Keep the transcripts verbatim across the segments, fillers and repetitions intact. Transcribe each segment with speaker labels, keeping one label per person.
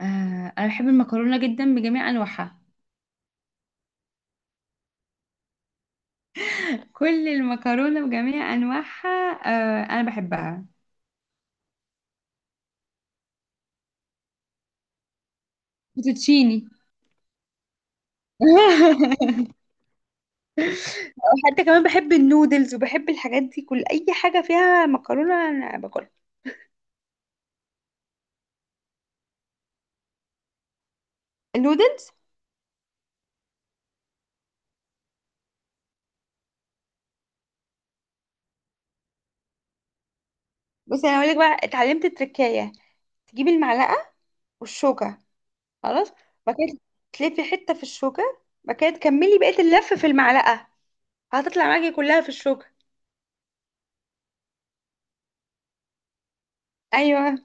Speaker 1: آه انا بحب المكرونه جدا بجميع انواعها. كل المكرونه بجميع انواعها. آه انا بحبها. فوتوتشيني. وحتى كمان بحب النودلز وبحب الحاجات دي، كل اي حاجه فيها مكرونه انا باكلها. النودلز. بس انا هقول لك بقى، اتعلمت التركايه: تجيبي المعلقه والشوكه، خلاص، بعد كده تلفي حته في الشوكه، بعد كده تكملي بقيه اللف في المعلقه، هتطلع معاكي كلها في الشوكه. ايوه.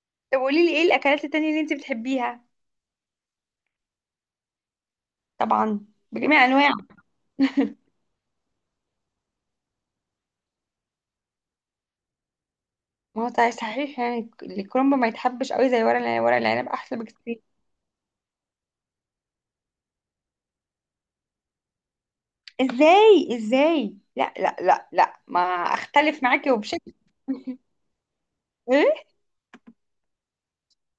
Speaker 1: طب قولي لي ايه الاكلات التانية اللي انت بتحبيها؟ طبعا. بجميع انواع. ما هو صحيح صحيح، يعني الكرنب ما يتحبش قوي زي ورق العنب، ورق العنب احلى بكتير. ازاي ازاي، لا لا لا لا ما، اختلف معاكي وبشكل. ايه.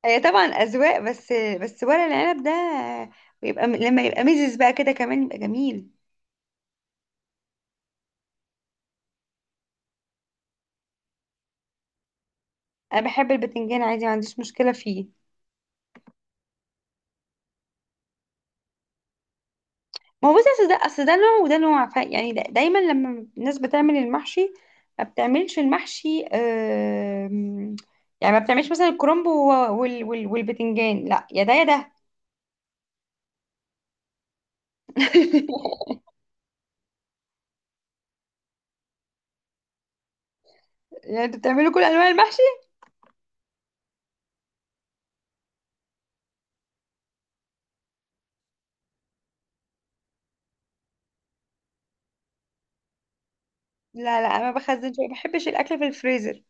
Speaker 1: هي طبعا اذواق، بس بس ورق العنب ده بيبقى لما يبقى ميزز بقى كده كمان يبقى جميل. انا بحب البتنجان عادي، ما عنديش مشكله فيه. ما هو بصي، اصل ده اصل ده نوع وده نوع، ف يعني دا دايما لما الناس بتعمل المحشي، ما بتعملش المحشي آم، يعني ما بتعملش مثلا الكرنب و- وال وال والبتنجان، لا يا ده يا ده. يعني انتوا بتعملوا كل انواع المحشي؟ لا لا، انا ما بخزنش، ما بحبش الاكل في الفريزر.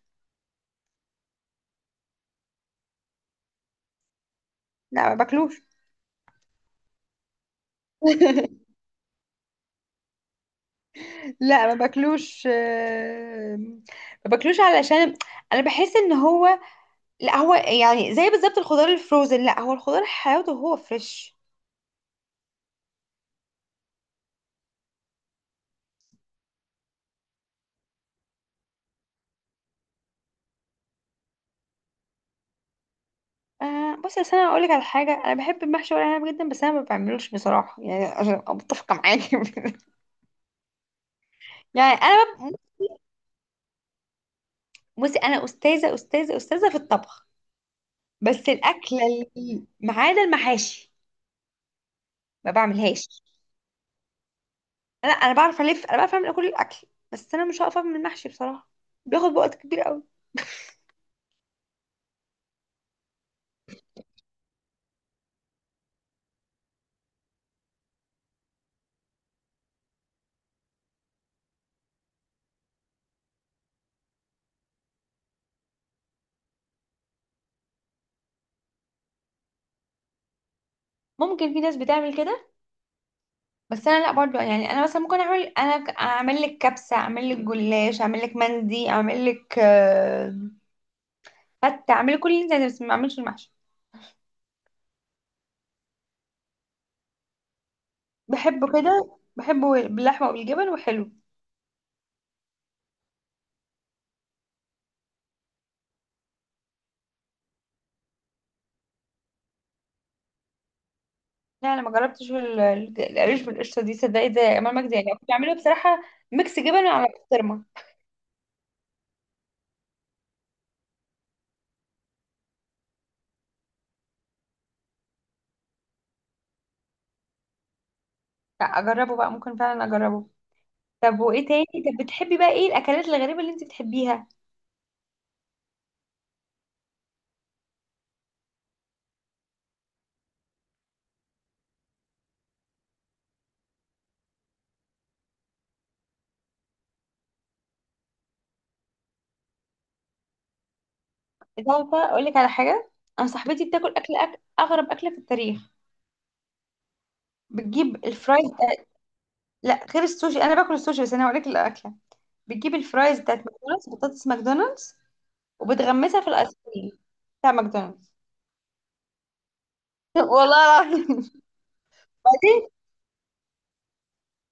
Speaker 1: لا ما باكلوش. لا ما باكلوش آم، ما باكلوش علشان انا بحس ان هو، لا هو يعني زي بالظبط الخضار الفروزن، لا هو الخضار حياته هو فريش. آه بصي، بس انا اقول لك على حاجه، انا بحب المحشي ورق عنب جدا، بس انا ما بعملوش بصراحه، يعني عشان ابقى متفقه معاكي. يعني انا بب... بصي انا استاذه استاذه استاذه في الطبخ، بس الاكله اللي ما عدا المحاشي ما بعملهاش. انا انا بعرف الف، انا بعرف اعمل كل الاكل، بس انا مش هقف اعمل المحشي بصراحه، بياخد وقت كبير قوي. ممكن في ناس بتعمل كده، بس انا لا برضو، يعني انا مثلا ممكن اعمل انا ك- اعمل لك كبسه، اعمل لك جلاش، اعمل لك مندي، اعمل لك آه، فتة، اعمل لك كل اللي انت عايزاه، بس ما اعملش المحشي. بحبه كده، بحبه باللحمة وبالجبن وحلو. لا انا ما جربتش ال- ال- القريش بالقشطة دي، صدقي زي امال مجدي يعني كنت بعمله بصراحة ميكس جبن على بسطرمة. لا اجربه بقى، ممكن فعلا اجربه. طب وايه تاني؟ طب بتحبي بقى ايه الاكلات الغريبة اللي انت بتحبيها؟ انت عارفة اقول لك على حاجة، انا صاحبتي بتاكل اكل أك... اغرب اكلة في التاريخ، بتجيب الفرايز. لا غير السوشي، انا باكل السوشي، بس انا هقول لك الاكلة: بتجيب الفرايز بتاعت ماكدونالدز، بطاطس ماكدونالدز، وبتغمسها في الايس كريم بتاع ماكدونالدز. والله العظيم. بعدين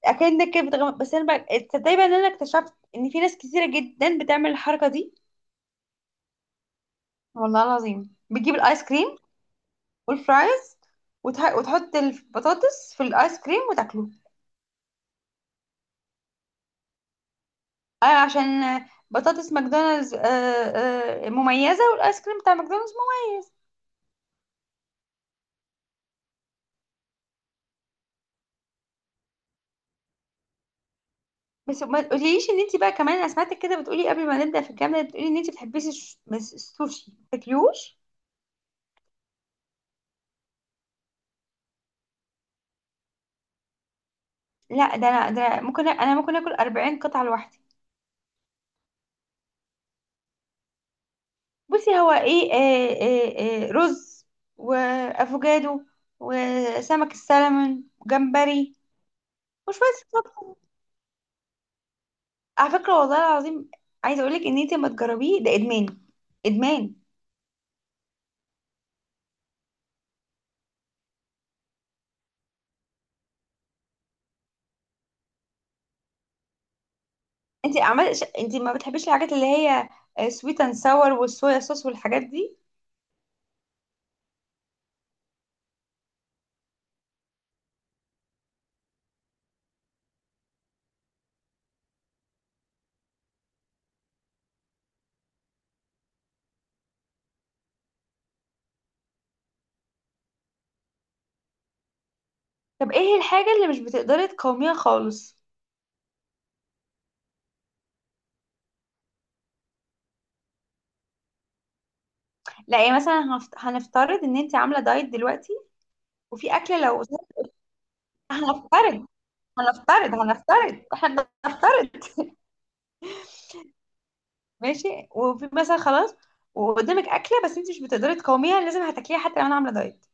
Speaker 1: اكنك كده بتغمض، بس انا بقى تصدقي بقى ان انا اكتشفت ان في ناس كتيره جدا بتعمل الحركه دي، والله العظيم، بتجيب الايس كريم والفرايز وتح... وتحط البطاطس في الايس كريم وتاكله. آه عشان بطاطس ماكدونالدز، آه آه مميزه، والايس كريم بتاع ماكدونالدز مميز. بس ما تقوليش ان انت بقى كمان، انا سمعتك كده بتقولي قبل ما نبدا في الجامعه، بتقولي ان انت بتحبيش الش- بس السوشي تاكليوش. لا ده انا، ده أنا ممكن أ- انا ممكن اكل أربعين قطعه لوحدي. بصي هو ايه، آه آه آه رز وافوكادو وسمك السلمون وجمبري وشويه صوصات. على فكره والله العظيم عايزه اقولك ان انت ما تجربيه، ده ادمان، ادمان. انت عمال ش- انت ما بتحبيش الحاجات اللي هي سويت اند ساور والصويا صوص والحاجات دي؟ طب ايه الحاجه اللي مش بتقدري تقاوميها خالص؟ لا يعني مثلا هنفت- هنفترض ان انت عامله دايت دلوقتي وفي اكله لو. هنفترض هنفترض هنفترض احنا بنفترض، ماشي، وفي مثلا خلاص وقدامك اكله بس انت مش بتقدري تقاوميها لازم هتاكليها، حتى لو انا عامله دايت.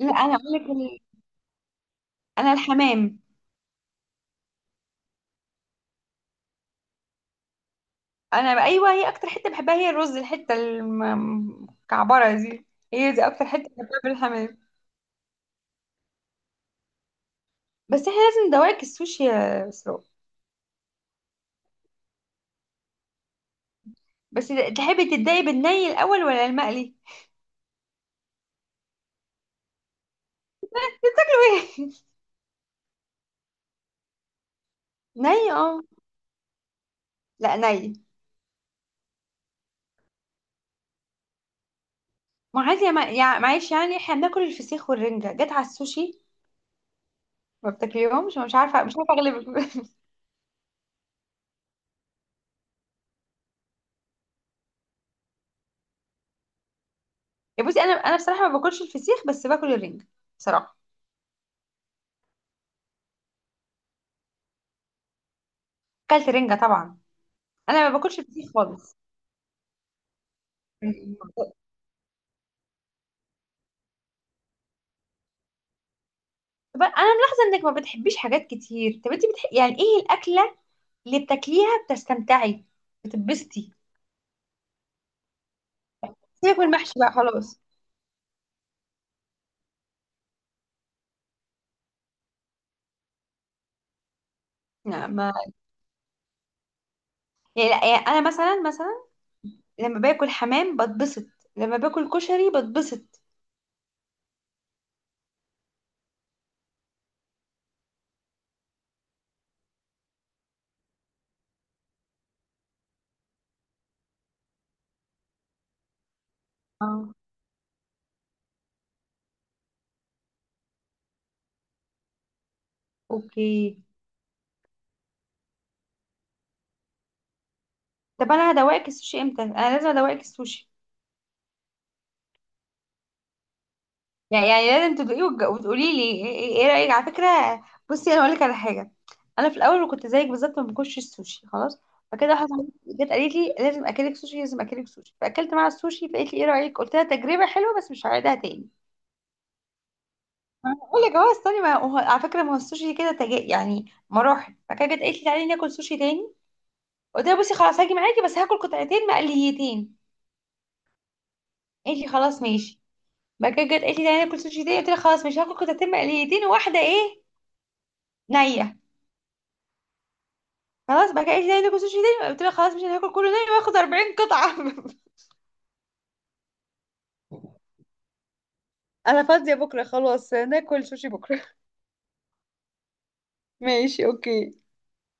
Speaker 1: لا انا اقول لك ال- انا الحمام. انا بقى- ايوه، هي اكتر حته بحبها هي الرز، الحته المكعبره دي، هي دي اكتر حته بحبها بالحمام. بس احنا لازم ندوقك السوشي يا اسراء. بس تحبي تتضايقي بالني الاول ولا المقلي؟ ني اه. لا ني. ما عادي يا ما- يا- معلش، يعني احنا بناكل الفسيخ والرنجة، جت على السوشي. ما بتاكليهمش، مش عارفه، مش عارفه اغلبك. يا بصي انا انا بصراحه ما باكلش الفسيخ بس باكل الرنجه بصراحه. اكلت رنجه طبعا. انا ما باكلش الفسيخ خالص. طب انا ملاحظه انك ما بتحبيش حاجات كتير، طب انت بتح... يعني ايه الاكله اللي بتاكليها بتستمتعي، بتتبسطي؟ سيبك من المحشي بقى خلاص. لا ما يعني, لا يعني انا مثلا مثلا لما باكل حمام بتبسط، لما باكل كشري بتبسط. اه اوكي. طب انا هدوقك السوشي امتى؟ انا لازم ادوقك السوشي، يعني يعني لازم تدوقيه وتج- وتقولي لي ايه إيه- إيه رايك. على فكره بصي انا هقول لك على حاجه، انا في الاول كنت زيك بالظبط، ما باكلش السوشي خلاص. فكده واحده صاحبتي جت قالت لي لازم اكلك سوشي لازم اكلك سوشي، فاكلت معاها السوشي، فقالت لي ايه رايك، قلت لها تجربه حلوه بس مش هعيدها تاني. أنا بقول لك اهو استني، ما هو على فكره ما هو السوشي كده تجا يعني مراحل. فكده جت قالت لي تعالي ناكل سوشي تاني، قلت لها بصي خلاص هاجي معاكي بس هاكل قطعتين مقليتين، قالت لي خلاص ماشي. بعد كده جت قالت لي تعالي ناكل سوشي تاني، قلت لها خلاص مش هاكل قطعتين مقليتين، وواحده ايه نيه. خلاص بقى، ايه تاني، ناكل سوشي تاني، قلت لها خلاص مش هناكل كله تاني، واخد أربعين قطعة. انا فاضية بكرة، خلاص ناكل سوشي بكرة. ماشي اوكي.